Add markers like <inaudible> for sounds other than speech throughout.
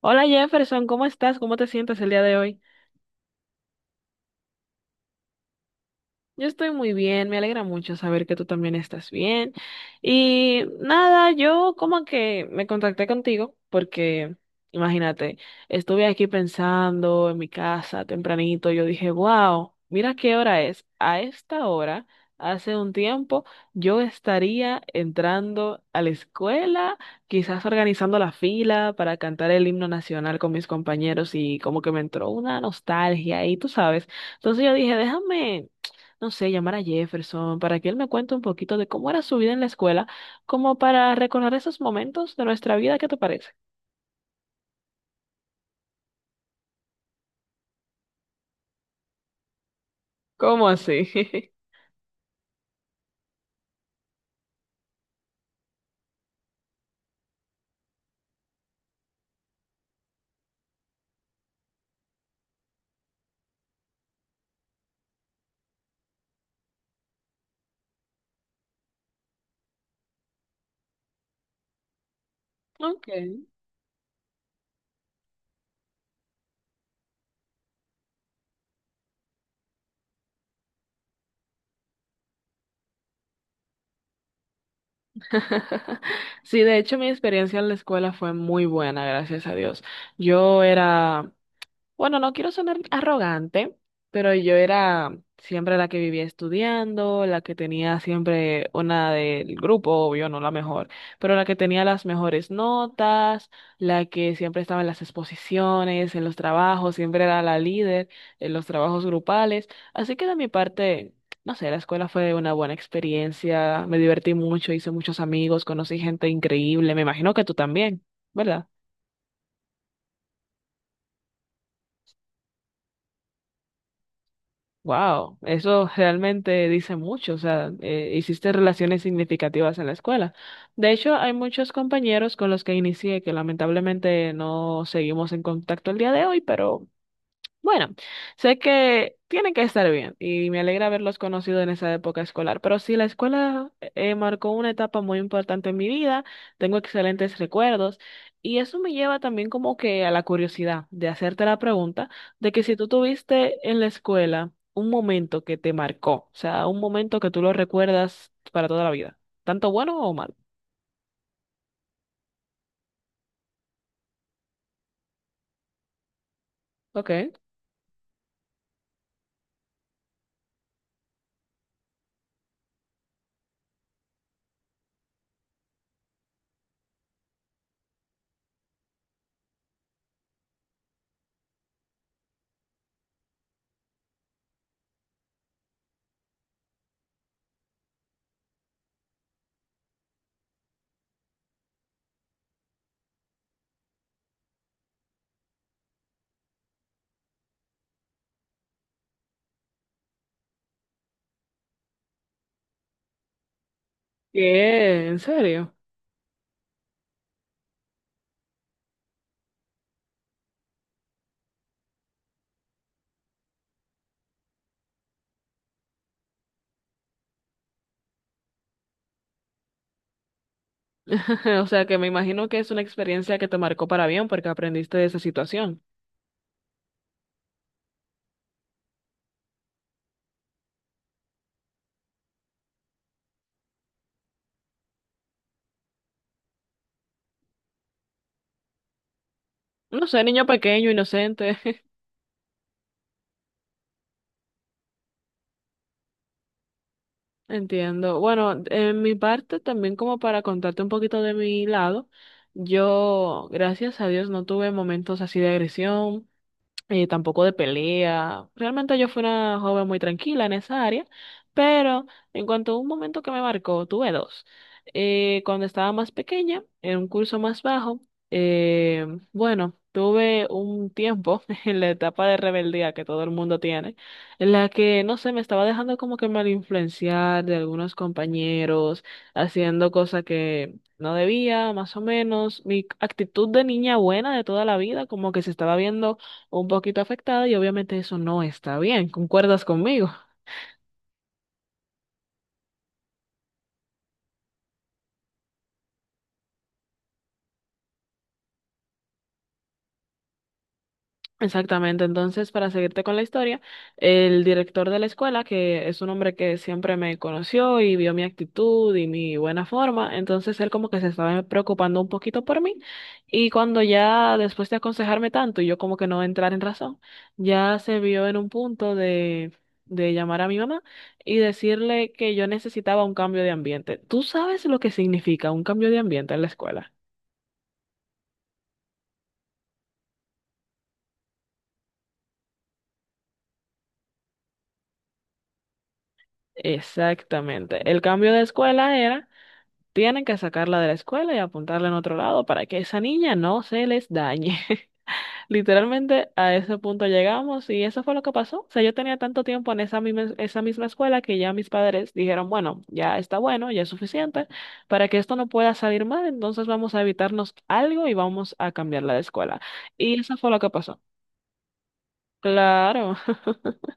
Hola Jefferson, ¿cómo estás? ¿Cómo te sientes el día de hoy? Yo estoy muy bien, me alegra mucho saber que tú también estás bien. Y nada, yo como que me contacté contigo porque, imagínate, estuve aquí pensando en mi casa tempranito, yo dije, wow, mira qué hora es. A esta hora, hace un tiempo, yo estaría entrando a la escuela, quizás organizando la fila para cantar el himno nacional con mis compañeros y como que me entró una nostalgia y tú sabes. Entonces yo dije, déjame no sé, llamar a Jefferson para que él me cuente un poquito de cómo era su vida en la escuela, como para recordar esos momentos de nuestra vida, ¿qué te parece? ¿Cómo así? <laughs> Ok. <laughs> Sí, de hecho mi experiencia en la escuela fue muy buena, gracias a Dios. Yo era. Bueno, no quiero sonar arrogante, pero yo era siempre la que vivía estudiando, la que tenía siempre una del grupo, obvio, no la mejor, pero la que tenía las mejores notas, la que siempre estaba en las exposiciones, en los trabajos, siempre era la líder en los trabajos grupales. Así que de mi parte, no sé, la escuela fue una buena experiencia, me divertí mucho, hice muchos amigos, conocí gente increíble, me imagino que tú también, ¿verdad? Wow, eso realmente dice mucho, o sea, hiciste relaciones significativas en la escuela. De hecho, hay muchos compañeros con los que inicié que lamentablemente no seguimos en contacto el día de hoy, pero bueno, sé que tienen que estar bien y me alegra haberlos conocido en esa época escolar, pero sí, la escuela marcó una etapa muy importante en mi vida, tengo excelentes recuerdos y eso me lleva también como que a la curiosidad de hacerte la pregunta de que si tú tuviste en la escuela un momento que te marcó, o sea, un momento que tú lo recuerdas para toda la vida, tanto bueno o malo. Ok. ¿Qué? ¿En serio? <laughs> O sea, que me imagino que es una experiencia que te marcó para bien porque aprendiste de esa situación. No sé, niño pequeño, inocente. <laughs> Entiendo. Bueno, en mi parte también como para contarte un poquito de mi lado, yo, gracias a Dios, no tuve momentos así de agresión. Tampoco de pelea. Realmente yo fui una joven muy tranquila en esa área, pero en cuanto a un momento que me marcó, tuve dos. Cuando estaba más pequeña, en un curso más bajo, eh, bueno, tuve un tiempo <laughs> en la etapa de rebeldía que todo el mundo tiene, en la que, no sé, me estaba dejando como que mal influenciar de algunos compañeros, haciendo cosas que... No debía, más o menos, mi actitud de niña buena de toda la vida, como que se estaba viendo un poquito afectada y obviamente eso no está bien. ¿Concuerdas conmigo? Exactamente. Entonces, para seguirte con la historia, el director de la escuela, que es un hombre que siempre me conoció y vio mi actitud y mi buena forma, entonces él como que se estaba preocupando un poquito por mí y cuando ya después de aconsejarme tanto y yo como que no entrar en razón, ya se vio en un punto de llamar a mi mamá y decirle que yo necesitaba un cambio de ambiente. ¿Tú sabes lo que significa un cambio de ambiente en la escuela? Exactamente. El cambio de escuela era, tienen que sacarla de la escuela y apuntarla en otro lado para que esa niña no se les dañe. <laughs> Literalmente a ese punto llegamos y eso fue lo que pasó. O sea, yo tenía tanto tiempo en esa misma escuela que ya mis padres dijeron, bueno, ya está bueno, ya es suficiente para que esto no pueda salir mal, entonces vamos a evitarnos algo y vamos a cambiarla de escuela. Y eso fue lo que pasó. Claro. <laughs>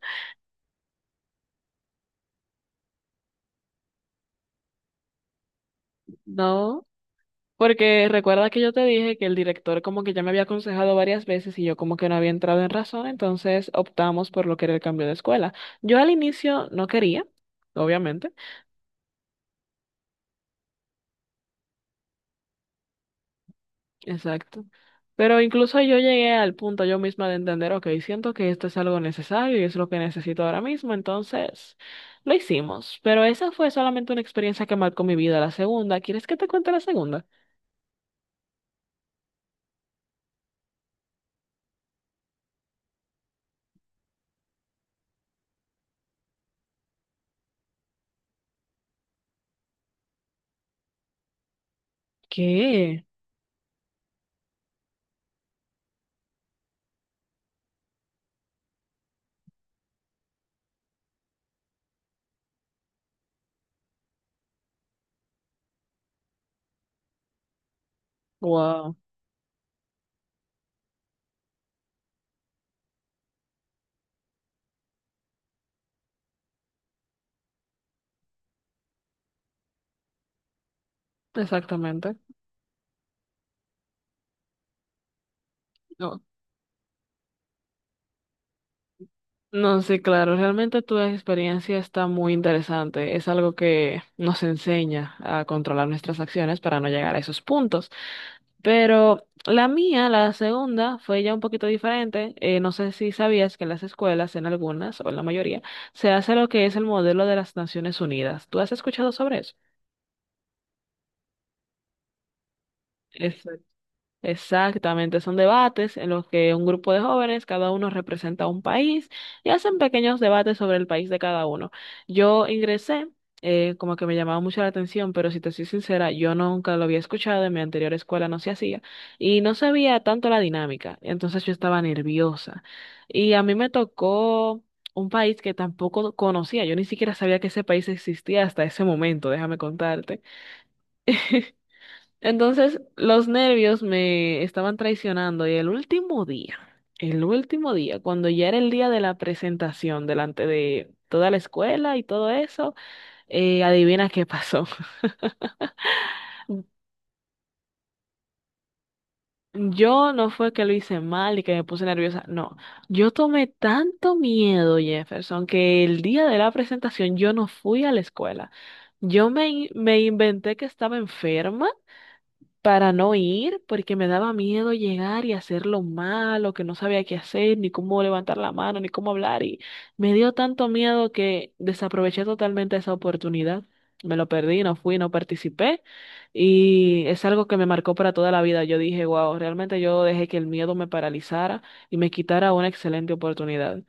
No. Porque recuerda que yo te dije que el director como que ya me había aconsejado varias veces y yo como que no había entrado en razón, entonces optamos por lo que era el cambio de escuela. Yo al inicio no quería, obviamente, exacto, pero incluso yo llegué al punto yo misma de entender, ok, siento que esto es algo necesario y es lo que necesito ahora mismo, entonces lo hicimos, pero esa fue solamente una experiencia que marcó mi vida. La segunda, ¿quieres que te cuente la segunda? ¿Qué? Wow, exactamente. No, sí, claro, realmente tu experiencia está muy interesante. Es algo que nos enseña a controlar nuestras acciones para no llegar a esos puntos. Pero la mía, la segunda, fue ya un poquito diferente. No sé si sabías que en las escuelas, en algunas o en la mayoría, se hace lo que es el modelo de las Naciones Unidas. ¿Tú has escuchado sobre eso? Exacto. Exactamente, son debates en los que un grupo de jóvenes, cada uno representa un país y hacen pequeños debates sobre el país de cada uno. Yo ingresé, como que me llamaba mucho la atención, pero si te soy sincera, yo nunca lo había escuchado, en mi anterior escuela no se hacía y no sabía tanto la dinámica, entonces yo estaba nerviosa. Y a mí me tocó un país que tampoco conocía, yo ni siquiera sabía que ese país existía hasta ese momento, déjame contarte. Entonces los nervios me estaban traicionando y el último día, cuando ya era el día de la presentación delante de toda la escuela y todo eso, adivina qué pasó. <laughs> Yo no fue que lo hice mal y que me puse nerviosa, no. Yo tomé tanto miedo, Jefferson, que el día de la presentación yo no fui a la escuela. Me inventé que estaba enferma para no ir, porque me daba miedo llegar y hacerlo mal, o que no sabía qué hacer, ni cómo levantar la mano, ni cómo hablar, y me dio tanto miedo que desaproveché totalmente esa oportunidad. Me lo perdí, no fui, no participé, y es algo que me marcó para toda la vida. Yo dije, wow, realmente yo dejé que el miedo me paralizara y me quitara una excelente oportunidad.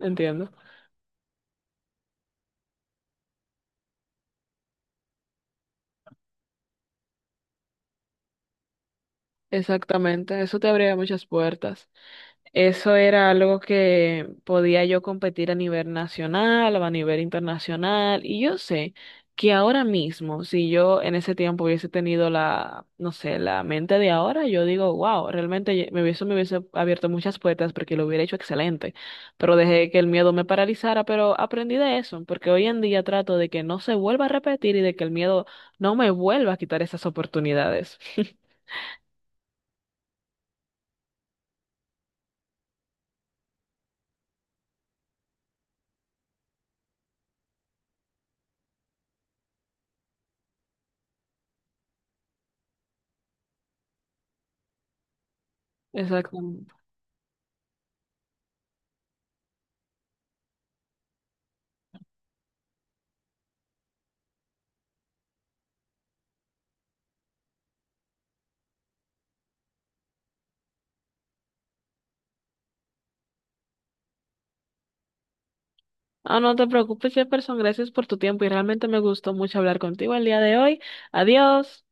Entiendo. Exactamente, eso te abría muchas puertas. Eso era algo que podía yo competir a nivel nacional o a nivel internacional. Y yo sé que ahora mismo, si yo en ese tiempo hubiese tenido la, no sé, la mente de ahora, yo digo, wow, realmente me hubiese abierto muchas puertas porque lo hubiera hecho excelente. Pero dejé que el miedo me paralizara, pero aprendí de eso, porque hoy en día trato de que no se vuelva a repetir y de que el miedo no me vuelva a quitar esas oportunidades. <laughs> Exacto. Ah, no te preocupes, Jefferson. Gracias por tu tiempo y realmente me gustó mucho hablar contigo el día de hoy. Adiós.